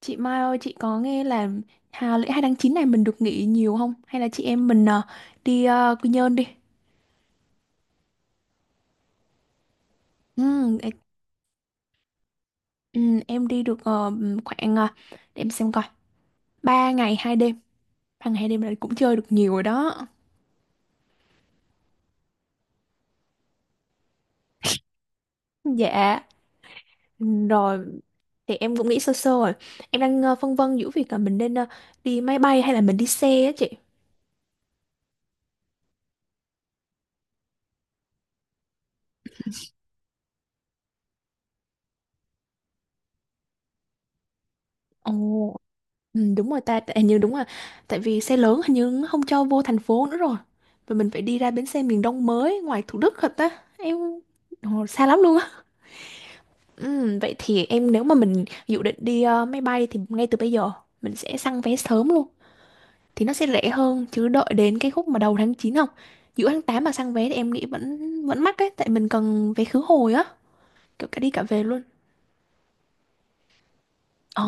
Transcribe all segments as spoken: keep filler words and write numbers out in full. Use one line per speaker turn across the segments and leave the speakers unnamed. Chị Mai ơi, chị có nghe là Hà lễ hai tháng chín này mình được nghỉ nhiều không? Hay là chị em mình ờ, đi ờ, Quy Nhơn đi? Ừ, ê- ừ, em đi được ờ, khoảng, ờ, để em xem coi, ba ngày hai đêm. Ba ngày hai đêm là cũng chơi được nhiều rồi đó. Dạ, rồi thì em cũng nghĩ sơ sơ rồi. Em đang ờ, phân vân giữa việc là mình nên ờ, đi máy bay hay là mình đi xe á chị. Ồ. Ừ, đúng rồi ta, tại- hình như đúng rồi. Tại vì xe lớn hình như nó không cho vô thành phố nữa rồi. Và mình phải đi ra bến xe miền Đông mới ngoài Thủ Đức thật á. Em Ồ, xa lắm luôn á. Ừ, vậy thì em nếu mà mình dự định đi ờ, máy bay thì ngay từ bây giờ mình sẽ săn vé sớm luôn. Thì nó sẽ rẻ hơn chứ đợi đến cái khúc mà đầu tháng chín không? Giữa tháng tám mà săn vé thì em nghĩ vẫn vẫn mắc ấy tại mình cần vé khứ hồi á, kiểu cả đi cả về luôn. Ờ.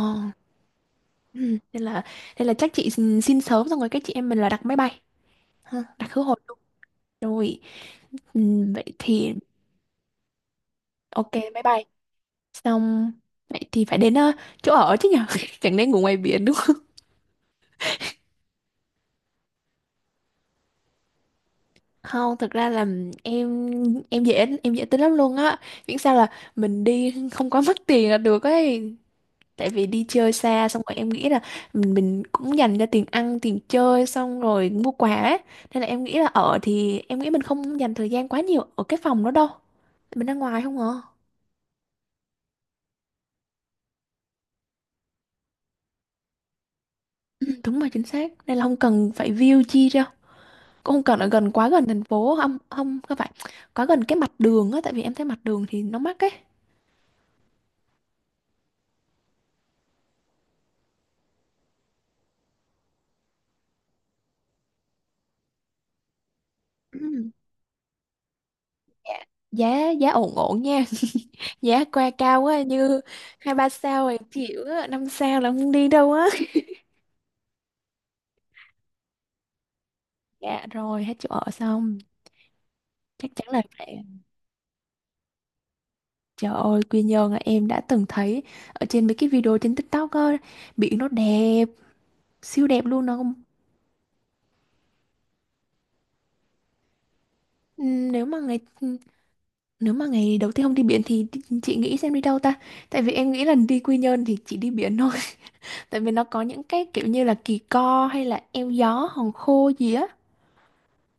Ừ, nên là nên là chắc chị xin, xin sớm xong rồi cái chị em mình là đặt máy bay. Ha, đặt khứ hồi. Rồi, ừm, vậy thì ok bye bye. Xong vậy thì phải đến ờ, chỗ ở chứ nhở. Chẳng lẽ ngủ ngoài biển đúng không? Không, thực ra là em em dễ em dễ tính lắm luôn á. Miễn sao là mình đi không có mất tiền là được ấy. Tại vì đi chơi xa xong rồi em nghĩ là mình mình cũng dành cho tiền ăn, tiền chơi xong rồi mua quà ấy. Nên là em nghĩ là ở thì em nghĩ mình không dành thời gian quá nhiều ở cái phòng đó đâu. Mình ra ngoài không à. Ừ, đúng rồi chính xác. Nên là không cần phải view chi ra, cũng không cần ở gần quá gần thành phố, không không không phải quá gần cái mặt đường á, tại vì em thấy mặt đường thì nó mắc ấy. Ừm, dạ. Giá giá ổn ổn nha. Giá qua cao quá như hai ba sao thì chịu á, năm sao là không đi đâu á. Dạ rồi, hết chỗ ở xong chắc chắn là phải. Trời ơi, Quy Nhơn là em đã từng thấy ở trên mấy cái video trên TikTok á, biển nó đẹp siêu đẹp luôn, nó không- Ừm, nếu mà ngày nếu mà ngày đầu tiên không đi biển thì chị nghĩ xem đi đâu ta? Tại vì em nghĩ là đi Quy Nhơn thì chỉ đi biển thôi. Tại vì nó có những cái kiểu như là Kỳ Co hay là Eo Gió, Hòn Khô gì á.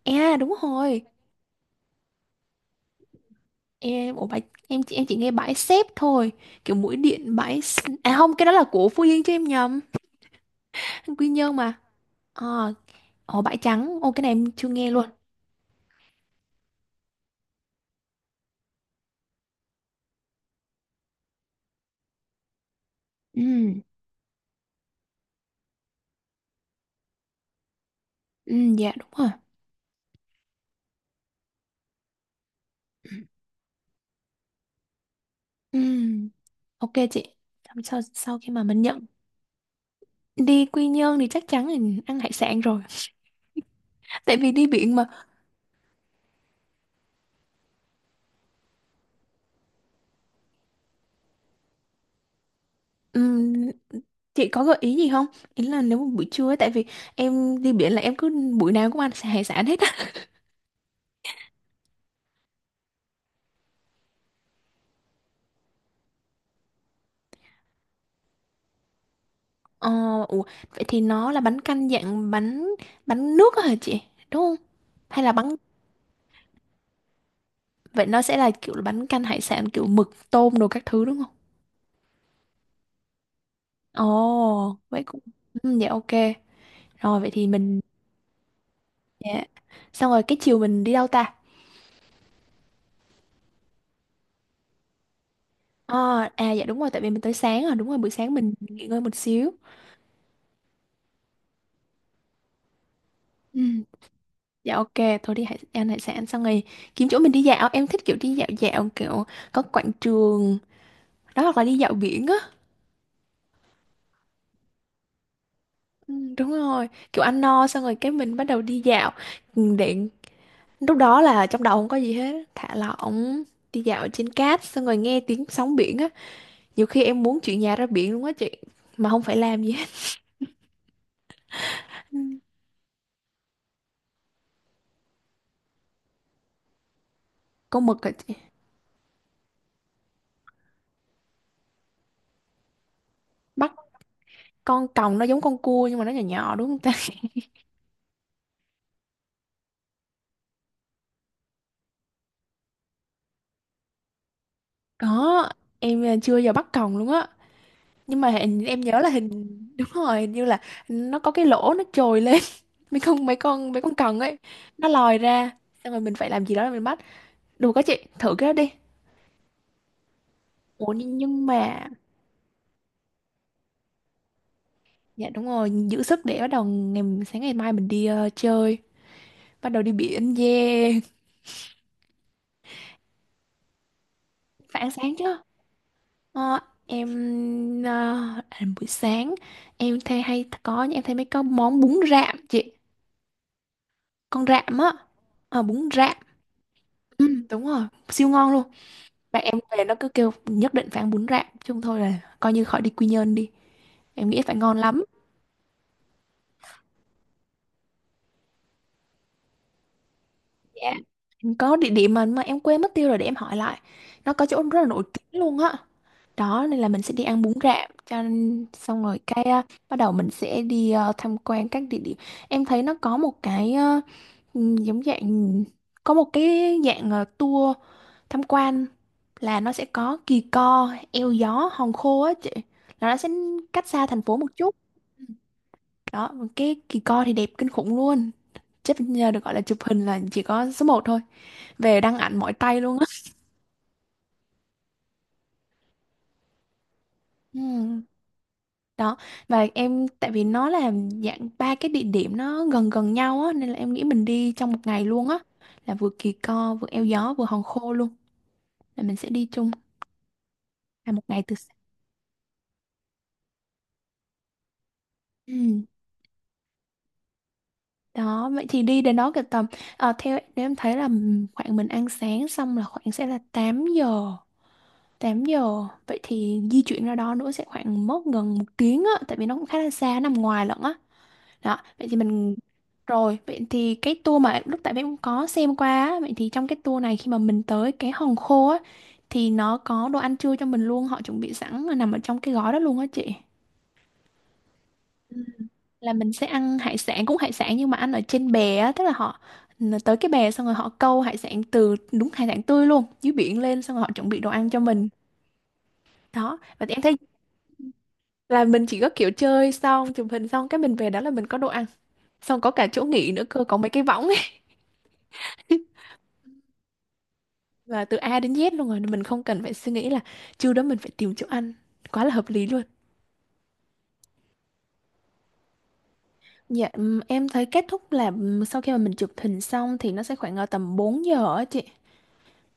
À đúng rồi. Em ủa bãi, em chị em chỉ nghe bãi xếp thôi. Kiểu mũi điện bãi S- à không, cái đó là của Phú Yên chứ em nhầm. Quy Nhơn mà. Ờ, ồ bãi trắng. Ô cái này em chưa nghe luôn. Ừ, ừ dạ đúng rồi. Ừ, ok chị. Sau sau khi mà mình nhận đi Quy Nhơn thì chắc chắn là ăn hải sản rồi. Tại vì đi biển mà. Ừm, chị có gợi ý gì không? Ý là nếu mà buổi trưa ấy, tại vì em đi biển là em cứ buổi nào cũng ăn xà- hải sản hết á. Ờ, ủa, vậy thì nó là bánh canh dạng bánh bánh nước á hả chị? Đúng không? Hay là bánh vậy nó sẽ là kiểu là bánh canh hải sản kiểu mực tôm đồ các thứ đúng không? Ồ, vậy cũng ừ, dạ ok. Rồi vậy thì mình dạ. Xong rồi cái chiều mình đi đâu ta? Ờ, à dạ đúng rồi tại vì mình tới sáng rồi, đúng rồi buổi sáng mình nghỉ ngơi một xíu. Ừ. Dạ ok, thôi đi hải, ăn hải sản xong rồi kiếm chỗ mình đi dạo. Em thích kiểu đi dạo dạo kiểu có quảng trường đó hoặc là đi dạo biển á. Ừ, đúng rồi, kiểu ăn no xong rồi cái mình bắt đầu đi dạo. Ừ, để lúc đó là trong đầu không có gì hết, thả lỏng, đi dạo trên cát xong rồi nghe tiếng sóng biển á. Nhiều khi em muốn chuyển nhà ra biển luôn á chị, mà không phải làm gì hết. Ừ, con mực hả chị? Bắt con còng nó giống con cua nhưng mà nó nhỏ nhỏ đúng không ta? Có, em à, chưa bao giờ bắt còng luôn á. Nhưng mà hình, em nhớ là hình. Đúng rồi hình như là nó có cái lỗ nó trồi lên. mấy con mấy con mấy con cần ấy, nó lòi ra xong rồi mình phải làm gì đó để mình bắt đủ, các chị thử cái đó đi. Ủa nhưng nhưng mà dạ đúng rồi, giữ sức để bắt đầu ngày sáng ngày mai mình đi ờ, chơi bắt đầu đi biển yeah. Phải ăn sáng chứ. Ờ, em ờ, à, buổi sáng em thấy hay có em thấy mấy con món bún rạm chị, con rạm á. Ờ, bún rạm. Ừ, đúng rồi siêu ngon luôn. Bạn em về nó cứ kêu nhất định phải ăn bún rạm chung thôi là coi như khỏi đi Quy Nhơn đi. Em nghĩ phải ngon lắm. Dạ. Em có địa điểm mà mà em quên mất tiêu rồi, để em hỏi lại. Nó có chỗ rất là nổi tiếng luôn á. Đó nên là mình sẽ đi ăn bún rạm cho nên- xong rồi cái à, bắt đầu mình sẽ đi à, tham quan các địa điểm. Em thấy nó có một cái à, ừ, giống dạng có một cái dạng à, tour tham quan là nó sẽ có Kỳ Co, Eo Gió, Hòn Khô á chị. Là nó sẽ cách xa thành phố một chút. Ừ. Đó, cái Kỳ Co thì đẹp kinh khủng luôn, chắc nhờ được gọi là chụp hình là chỉ có số một thôi, về đăng ảnh mỏi tay luôn á. Ừ, đó và em tại vì nó là dạng ba cái địa điểm nó gần gần nhau á nên là em nghĩ mình đi trong một ngày luôn á, là vừa Kỳ Co vừa Eo Gió vừa Hòn Khô luôn, là mình sẽ đi chung là một ngày từ sáng. Ừ. Đó vậy thì đi đến đó cả tầm ờ, theo nếu em thấy là khoảng mình ăn sáng xong là khoảng sẽ là tám giờ, tám giờ vậy thì di chuyển ra đó nữa sẽ khoảng mất gần một tiếng á, tại vì nó cũng khá là xa nằm ngoài lận á. Đó vậy thì mình rồi vậy thì cái tour mà lúc tại em cũng có xem qua á, vậy thì trong cái tour này khi mà mình tới cái Hòn Khô á thì nó có đồ ăn trưa cho mình luôn, họ chuẩn bị sẵn là nằm ở trong cái gói đó luôn á chị. Ừ. Là mình sẽ ăn hải sản, cũng hải sản nhưng mà ăn ở trên bè á, tức là họ tới cái bè xong rồi họ câu hải sản từ đúng hải sản tươi luôn dưới biển lên xong rồi họ chuẩn bị đồ ăn cho mình. Đó và em thấy là mình chỉ có kiểu chơi xong chụp hình xong cái mình về đó là mình có đồ ăn xong có cả chỗ nghỉ nữa cơ, có mấy cái võng ấy. Là từ A đến Z luôn rồi nên mình không cần phải suy nghĩ là trưa đó mình phải tìm chỗ ăn, quá là hợp lý luôn. Dạ ừm, em thấy kết thúc là ừm, sau khi mà mình chụp hình xong thì nó sẽ khoảng ở tầm bốn giờ á chị.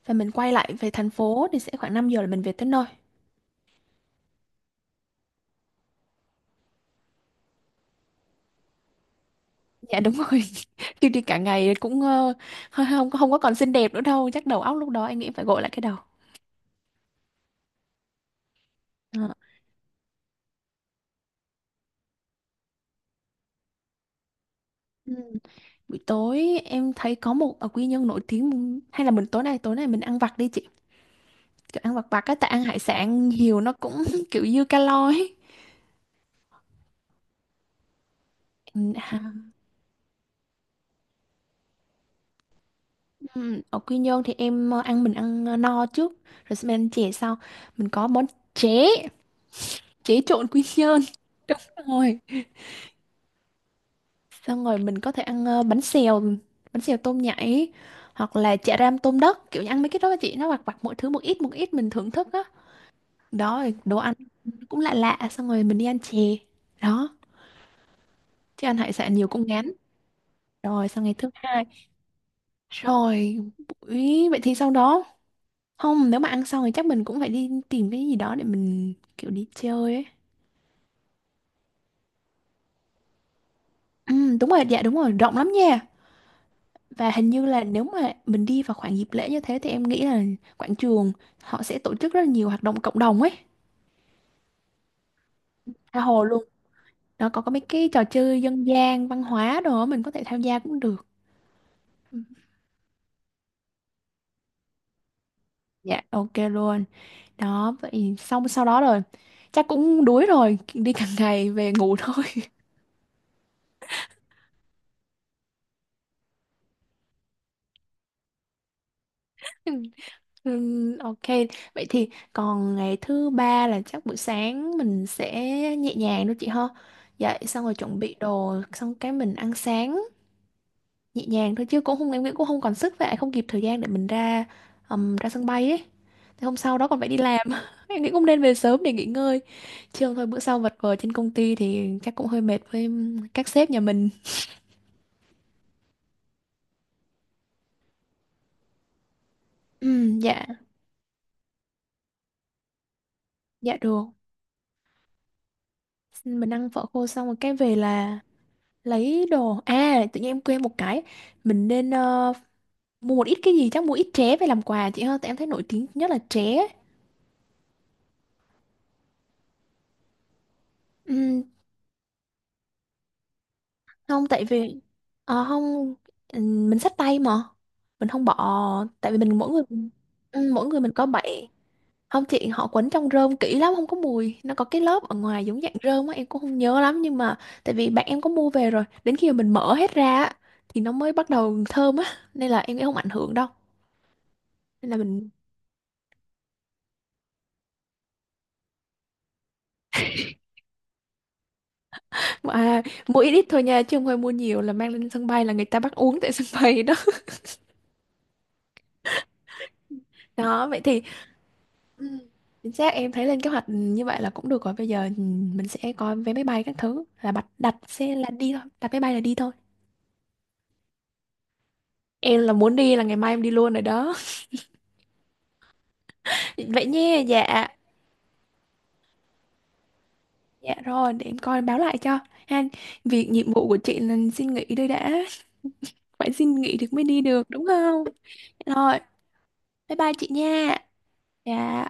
Và mình quay lại về thành phố thì sẽ khoảng năm giờ là mình về tới nơi. Dạ đúng rồi. Chứ đi cả ngày cũng ờ, hơi- không không có còn xinh đẹp nữa đâu, chắc đầu óc lúc đó anh nghĩ phải gội lại cái đầu. Ờ. Ừ. Buổi tối em thấy có một ở Quy Nhân nổi tiếng, hay là mình tối nay tối nay mình ăn vặt đi chị, kiểu ăn vặt vặt cái tại ăn hải sản nhiều nó cũng kiểu dư calo ấy. Ừ, hả? Ừ, ở Quy Nhơn thì em ờ, ăn mình ăn ờ, no trước rồi xong mình ăn chè sau, mình có món chế, chế trộn Quy Nhơn. Đúng rồi xong rồi mình có thể ăn ờ, bánh xèo, bánh xèo tôm nhảy hoặc là chả ram tôm đất, kiểu như ăn mấy cái đó chị, nó vặt vặt mỗi thứ một ít một ít mình thưởng thức á. Đó rồi đồ ăn cũng lạ lạ xong rồi mình đi ăn chè. Đó chứ ăn hải sản nhiều cũng ngán. Rồi sang ngày thứ hai rồi buổi vậy thì sau đó không nếu mà ăn xong thì chắc mình cũng phải đi tìm cái gì đó để mình kiểu đi chơi ấy. Ừ, đúng rồi dạ đúng rồi rộng lắm nha. Và hình như là nếu mà mình đi vào khoảng dịp lễ như thế thì em nghĩ là quảng trường họ sẽ tổ chức rất là nhiều hoạt động cộng đồng ấy, tha hồ luôn, nó có có mấy cái trò chơi dân gian văn hóa đồ á, mình có thể tham gia cũng được. Dạ ok luôn. Đó vậy xong sau đó rồi chắc cũng đuối rồi, đi cả ngày về ngủ thôi. Ừm, ok. Vậy thì còn ngày thứ ba là chắc buổi sáng mình sẽ nhẹ nhàng thôi chị ha. Dậy xong rồi chuẩn bị đồ xong cái mình ăn sáng nhẹ nhàng thôi, chứ cũng không em nghĩ cũng không còn sức, vậy không kịp thời gian để mình ra ừm, ra sân bay ấy. Thế hôm sau đó còn phải đi làm. Em nghĩ cũng nên về sớm để nghỉ ngơi. Chứ không thôi bữa sau vật vờ trên công ty thì chắc cũng hơi mệt với các sếp nhà mình. Ừm, dạ dạ được, mình ăn phở khô xong rồi cái về là lấy đồ. À tự nhiên em quên một cái, mình nên ờ, mua một ít cái gì, chắc mua ít tré về làm quà chị hơn, tại em thấy nổi tiếng nhất là tré. Ừm, không tại vì ờ, không ừm, mình xách tay mà, mình không bỏ. Tại vì mình mỗi người ừm, mỗi người mình có bảy. Không chị, họ quấn trong rơm kỹ lắm, không có mùi, nó có cái lớp ở ngoài giống dạng rơm á em cũng không nhớ lắm, nhưng mà tại vì bạn em có mua về rồi đến khi mà mình mở hết ra á, thì nó mới bắt đầu thơm á, nên là em nghĩ không ảnh hưởng đâu. Nên là mình à, mua ít ít thôi nha chứ không phải mua nhiều, là mang lên sân bay là người ta bắt uống tại sân bay đó. Đó vậy thì ừ, chính xác em thấy lên kế hoạch như vậy là cũng được rồi, bây giờ ừ, mình sẽ coi vé máy bay các thứ là đặt, đặt xe là đi thôi, đặt máy bay là đi thôi. Em là muốn đi là ngày mai em đi luôn rồi đó. Vậy nha dạ. Dạ rồi, để em coi báo lại cho. Ha, việc nhiệm vụ của chị là xin nghỉ đây đã. Phải xin nghỉ thì mới đi được, đúng không? Rồi, bye bye chị nha. Dạ.